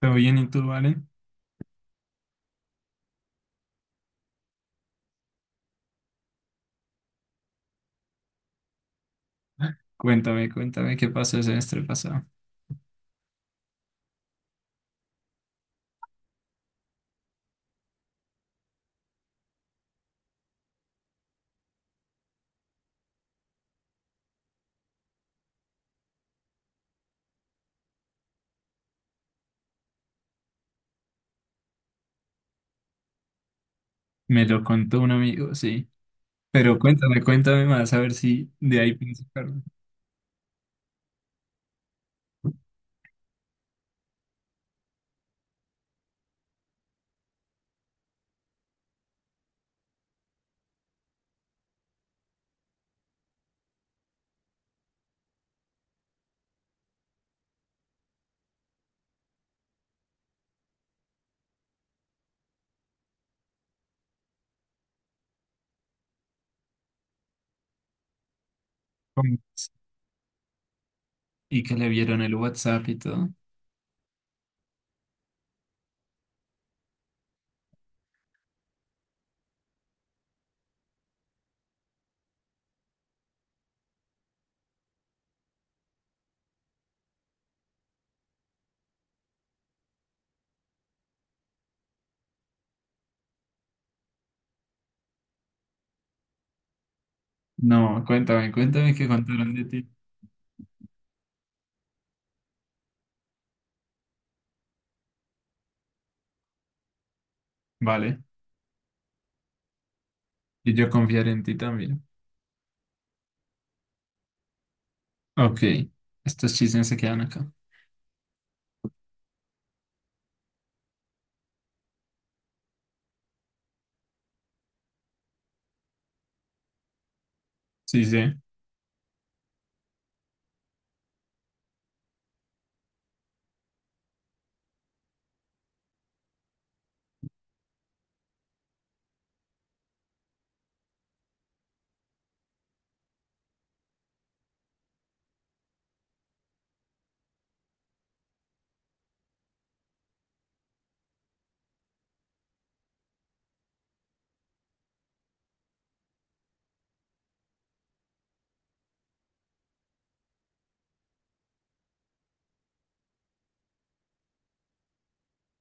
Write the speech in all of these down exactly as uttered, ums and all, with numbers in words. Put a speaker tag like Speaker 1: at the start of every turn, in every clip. Speaker 1: ¿Todo bien y tú, vale? Cuéntame, cuéntame qué pasó el semestre pasado. Me lo contó un amigo, sí. Pero cuéntame, cuéntame más, a ver si de ahí pienso sacarlo. ¿Cómo? Y que le vieron el WhatsApp y todo. No, cuéntame, cuéntame qué contaron de ti. Vale. Y yo confiar en ti también. Ok. Estos chismes se quedan acá. Sí, sí.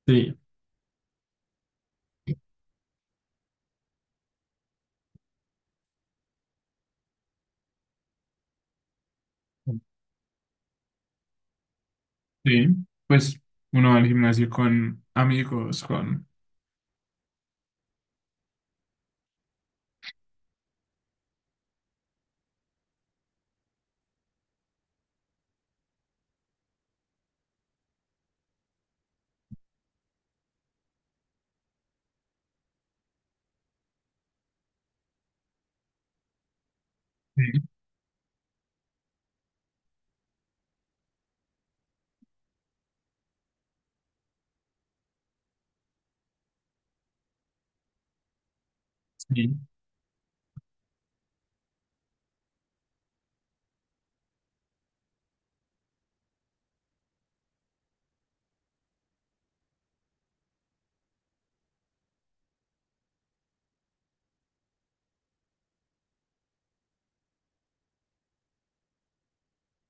Speaker 1: Sí. Sí, pues uno va al gimnasio con amigos, con... Sí, sí,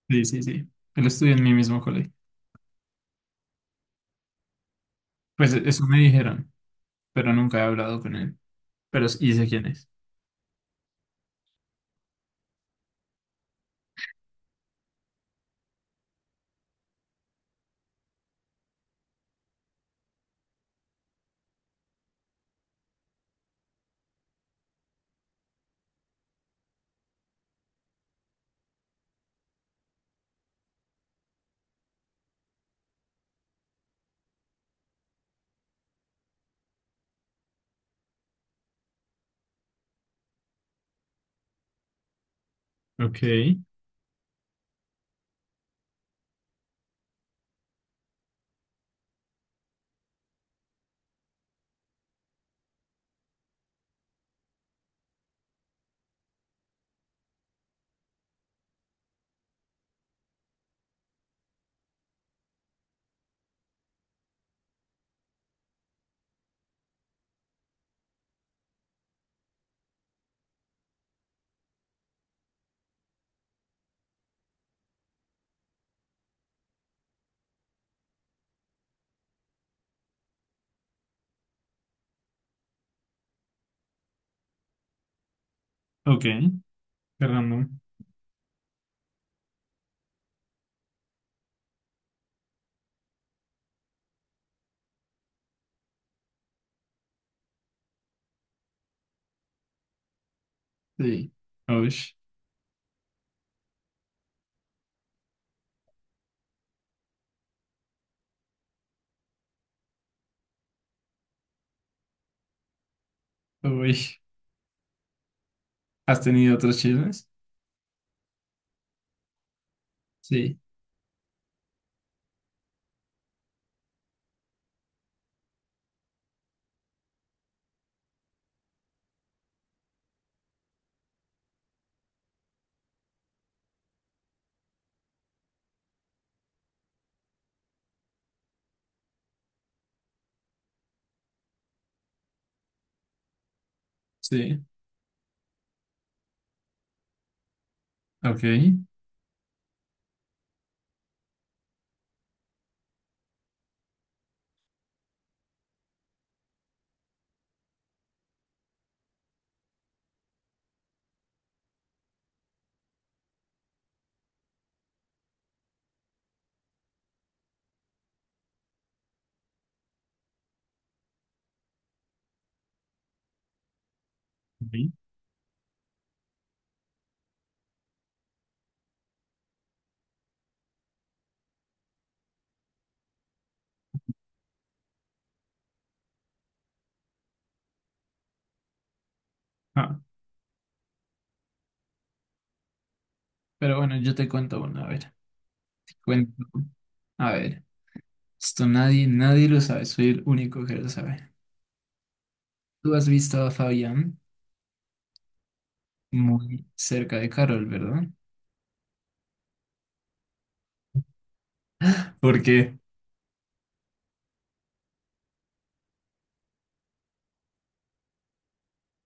Speaker 1: sí, sí, sí. Él estudia en mi mismo colegio. Pues e- eso me dijeron, pero nunca he hablado con él. Pero s- y sé quién es. Ok, ok. Qué random. Sí. Uy, uy. ¿Has tenido otros chismes? Sí, sí. Ok. Sí. Ah, pero bueno, yo te cuento una, a ver. Cuento. A ver. Esto nadie, nadie lo sabe. Soy el único que lo sabe. ¿Tú has visto a Fabián muy cerca de Carol, verdad? Porque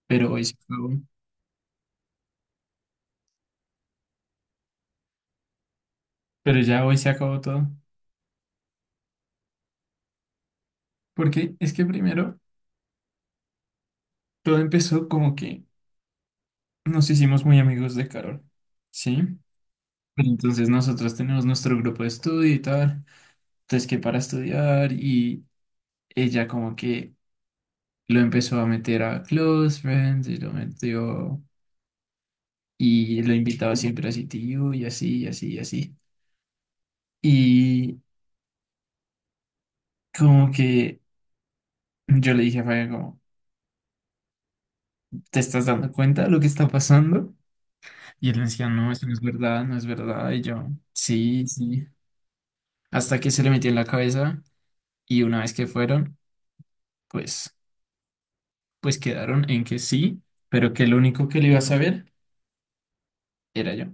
Speaker 1: pero hoy se acabó. Pero ya hoy se acabó todo. Porque es que primero todo empezó como que nos hicimos muy amigos de Carol, ¿sí? Pero entonces nosotros tenemos nuestro grupo de estudio y tal. Entonces que para estudiar y ella como que lo empezó a meter a Close Friends y lo metió y lo invitaba siempre a C T U y así y así y así. Y como que yo le dije a Fabián como... ¿Te estás dando cuenta de lo que está pasando? Y él me decía, no, eso no es verdad, no es verdad. Y yo, sí, sí. Hasta que se le metió en la cabeza y una vez que fueron, pues, pues quedaron en que sí, pero que lo único que le iba a saber era yo.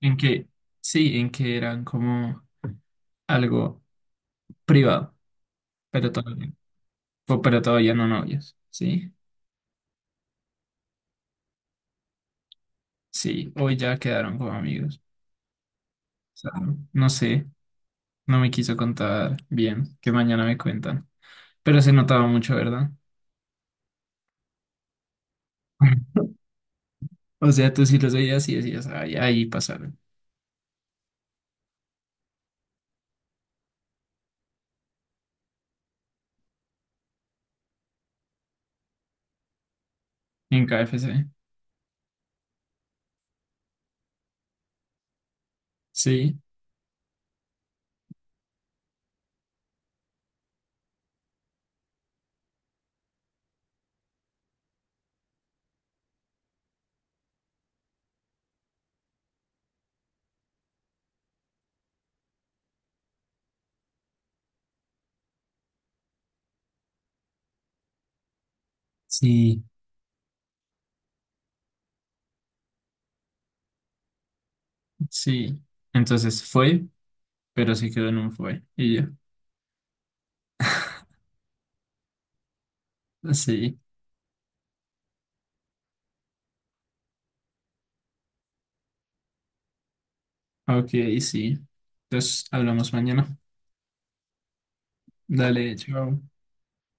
Speaker 1: En que, sí, en que eran como algo privado, pero todavía, o- pero todavía no novios, ¿sí? Sí, hoy ya quedaron como amigos. O sea, no sé, no me quiso contar bien, que mañana me cuentan. Pero se notaba mucho, ¿verdad? O sea, tú sí los veías y decías, ay, ahí pasaron, en K F C. Sí, sí, sí. Entonces fue, pero sí quedó en un fue. Y yo, sí, ok, sí. Entonces hablamos mañana. Dale, chao.